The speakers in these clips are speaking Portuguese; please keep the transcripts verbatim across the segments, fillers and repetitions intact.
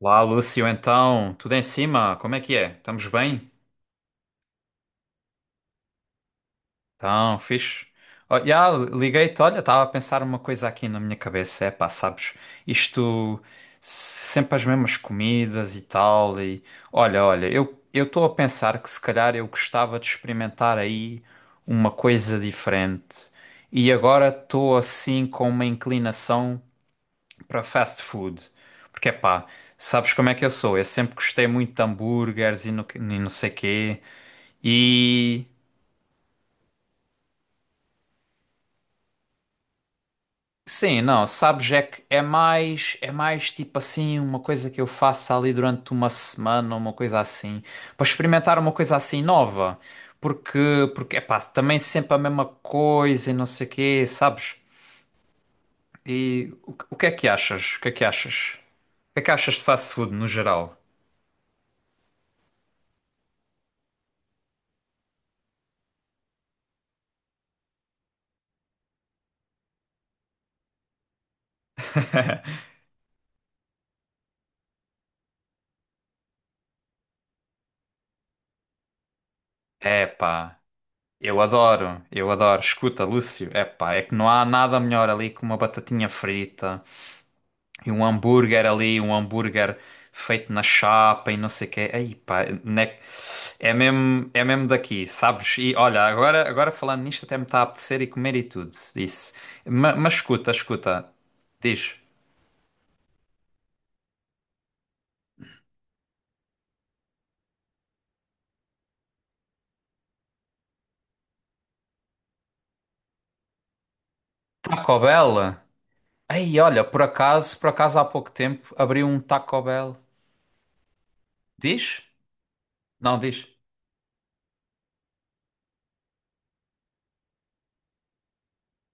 Lá, Lúcio, então, tudo em cima? Como é que é? Estamos bem? Então, fixe. Oh, já, liguei-te, olha, estava a pensar uma coisa aqui na minha cabeça. É pá, sabes, isto sempre as mesmas comidas e tal. E olha, olha, eu eu estou a pensar que se calhar eu gostava de experimentar aí uma coisa diferente. E agora estou assim com uma inclinação para fast food. Porque, pá, sabes como é que eu sou? Eu sempre gostei muito de hambúrgueres e, no- e não sei quê. E sim, não, sabes, é que é mais, é mais tipo assim, uma coisa que eu faço ali durante uma semana, uma coisa assim, para experimentar uma coisa assim nova. Porque, porque, pá, também sempre a mesma coisa e não sei quê, sabes? E o, que o que é que achas? O que é que achas? O que é que achas de fast food no geral? É, pá. Eu adoro, eu adoro. Escuta, Lúcio, epá, é que não há nada melhor ali que uma batatinha frita e um hambúrguer ali, um hambúrguer feito na chapa e não sei o quê. Ei, pá, né- é mesmo, é mesmo daqui, sabes? E olha, agora, agora falando nisto até me está a apetecer e comer e tudo, isso. Ma- Mas, escuta, escuta, diz. Taco Bell? Ei, olha, por acaso, por acaso há pouco tempo abriu um Taco Bell. Diz? Não, diz.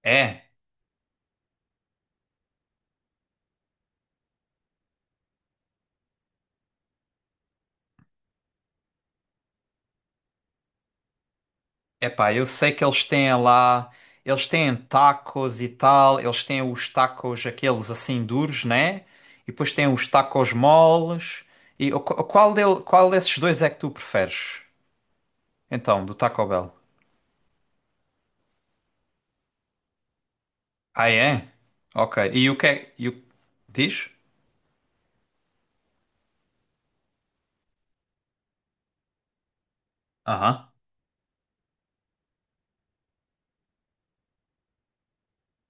É. Epá, eu sei que eles têm lá, eles têm tacos e tal, eles têm os tacos aqueles assim duros, né? E depois têm os tacos moles. E o- qu- qual del- qual desses dois é que tu preferes? Então, do Taco Bell. Ah, é? Ok. E o que é, e o- Diz? Aham.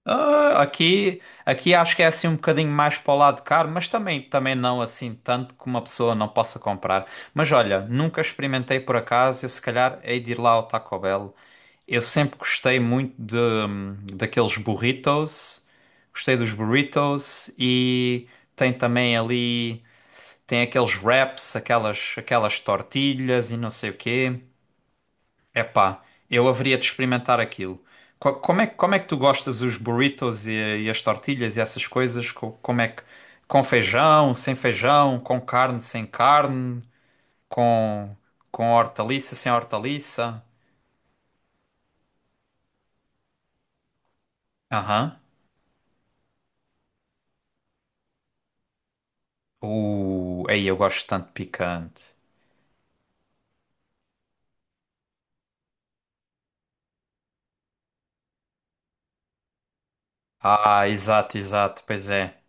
Ah, aqui, aqui acho que é assim um bocadinho mais para o lado caro, mas também, também não assim tanto que uma pessoa não possa comprar. Mas olha, nunca experimentei por acaso, eu se calhar hei de ir lá ao Taco Bell. Eu sempre gostei muito de, hum, daqueles burritos. Gostei dos burritos e tem também ali, tem aqueles wraps, aquelas, aquelas tortilhas e não sei o quê. Epá, eu haveria de experimentar aquilo. Co- Como é, que- como é que tu gostas dos burritos e, e as tortilhas e essas coisas? Co- Como é que, com feijão, sem feijão, com carne, sem carne, com, com hortaliça, sem hortaliça? Aham. Uh, aí eu gosto tanto de picante. Ah, exato, exato, pois é.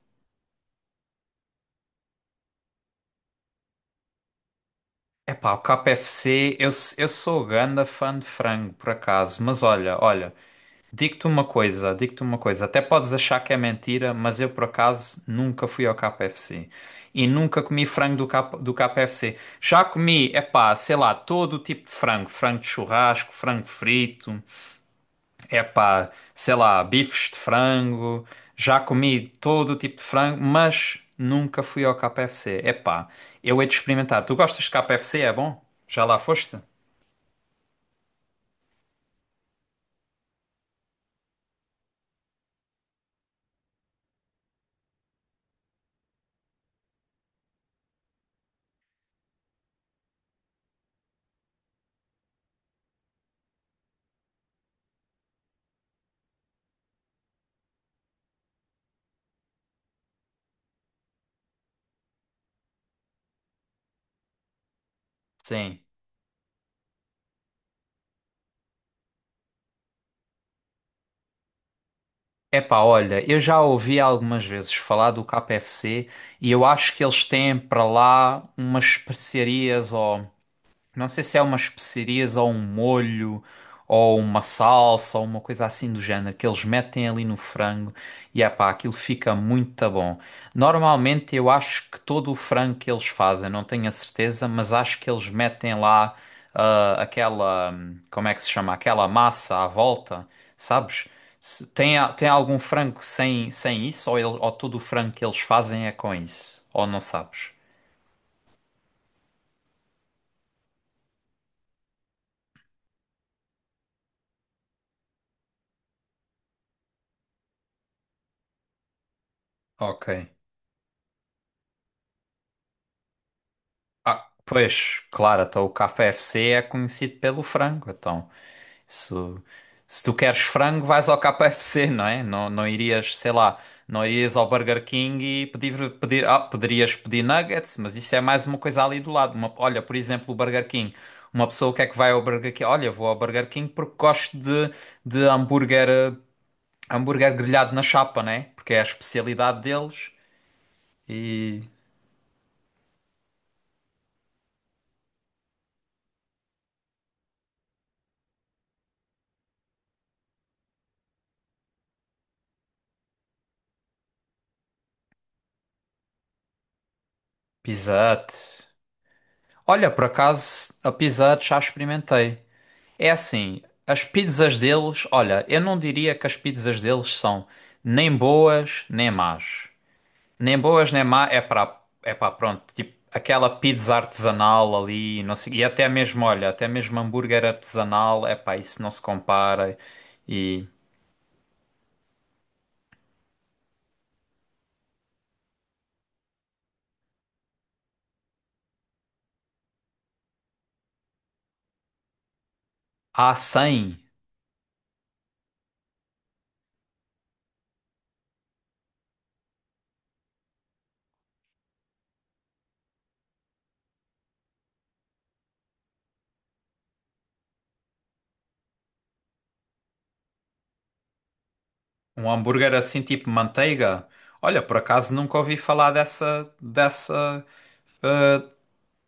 Epá, o K F C, eu, s- eu sou ganda fã de frango, por acaso, mas olha, olha, digo-te uma coisa, digo-te uma coisa, até podes achar que é mentira, mas eu, por acaso, nunca fui ao K F C e nunca comi frango do, K, do K F C. Já comi, epá, sei lá, todo o tipo de frango, frango de churrasco, frango frito. Epá, sei lá, bifes de frango, já comi todo o tipo de frango, mas nunca fui ao K F C. Epá, eu hei de experimentar. Tu gostas de K F C? É bom? Já lá foste? Sim. Epá, olha, eu já ouvi algumas vezes falar do K F C e eu acho que eles têm para lá umas especiarias ou não sei se é umas especiarias ou um molho ou uma salsa ou uma coisa assim do género que eles metem ali no frango, e é pá, aquilo fica muito bom. Normalmente eu acho que todo o frango que eles fazem, não tenho a certeza, mas acho que eles metem lá ah, aquela, hum, como é que se chama? Aquela massa à volta, sabes? Se- Tem, a- tem algum frango sem, sem isso ou, ele- ou todo o frango que eles fazem é com isso? Ou não sabes? Ok. Ah, pois, claro, então o K F C é conhecido pelo frango. Então, se, se tu queres frango, vais ao K F C, não é? Não, não irias, sei lá, não irias ao Burger King e pedir, pedir, ah, poderias pedir nuggets, mas isso é mais uma coisa ali do lado. Uma- olha, por exemplo, o Burger King. Uma pessoa o que é que vai ao Burger King? Olha, vou ao Burger King porque gosto de, de hambúrguer, eh, hambúrguer grelhado na chapa, né? Porque é a especialidade deles. E Pizza Hut. Olha, por acaso, a Pizza Hut já experimentei. É assim, as pizzas deles, olha, eu não diria que as pizzas deles são nem boas nem más. Nem boas nem má é para é para pronto, tipo aquela pizza artesanal ali, não sei, e até mesmo, olha, até mesmo hambúrguer artesanal, é pá, isso não se compara. E há cem, um hambúrguer assim tipo manteiga. Olha, por acaso nunca ouvi falar dessa dessa eh,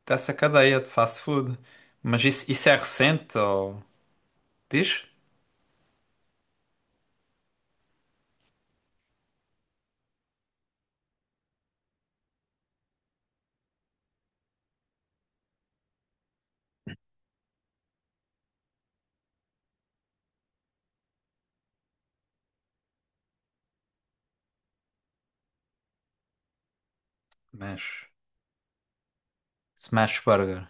dessa cadeia de fast food. Mas isso, isso é recente ou diz? Smash. Smash Burger.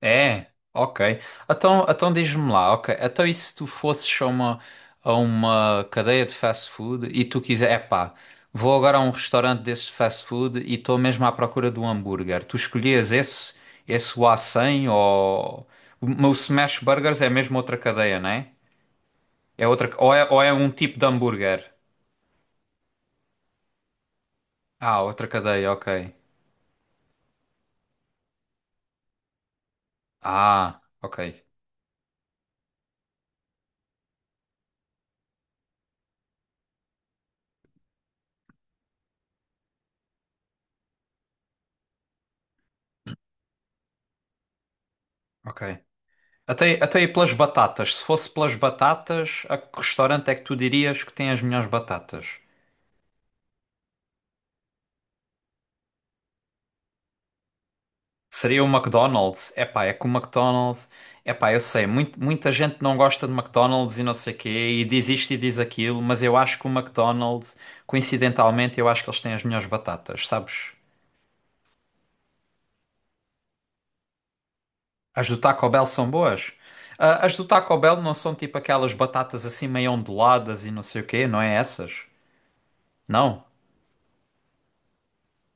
É, ok. Então, então diz-me lá, ok. Então e se tu fosses a uma, a uma cadeia de fast food e tu quiser, epá, vou agora a um restaurante desse fast food e estou mesmo à procura de um hambúrguer. Tu escolhias esse, esse o A cem ou... O o Smash Burgers é mesmo outra cadeia, não é? É outra, ou é, ou é um tipo de hambúrguer? Ah, outra cadeia, ok. Ah, ok, ok. Até, até aí pelas batatas. Se fosse pelas batatas, a que restaurante é que tu dirias que tem as melhores batatas? Seria o McDonald's? Epá, é que o McDonald's... Epá, eu sei, muito- muita gente não gosta de McDonald's e não sei quê, e diz isto e diz aquilo, mas eu acho que o McDonald's, coincidentalmente, eu acho que eles têm as melhores batatas, sabes? As do Taco Bell são boas. Ah, as do Taco Bell não são tipo aquelas batatas assim meio onduladas e não sei o quê, não é essas? Não?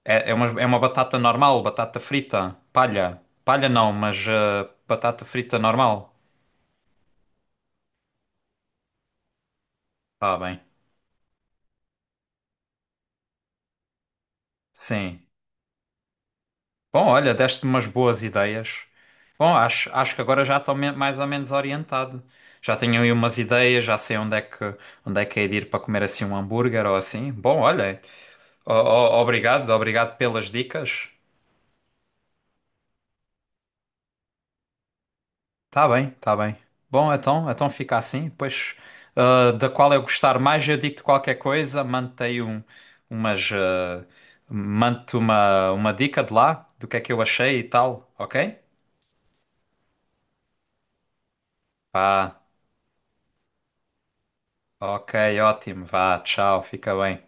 É, é uma, é uma batata normal, batata frita, palha. Palha não, mas eh, batata frita normal. Ah, bem. Sim. Bom, olha, deste-me umas boas ideias. Bom, acho, acho que agora já estou me- mais ou menos orientado. Já tenho aí umas ideias, já sei onde é que, onde é que é de ir para comer assim um hambúrguer ou assim. Bom, olha, o- o- obrigado, obrigado pelas dicas. Tá bem, tá bem. Bom, então, então fica assim. Depois, ah, da qual eu gostar mais, eu digo-te qualquer coisa, mando um, umas, ah, mando-te uma, uma dica de lá, do que é que eu achei e tal, ok? Vá, ok, ótimo, vá, tchau, fica bem.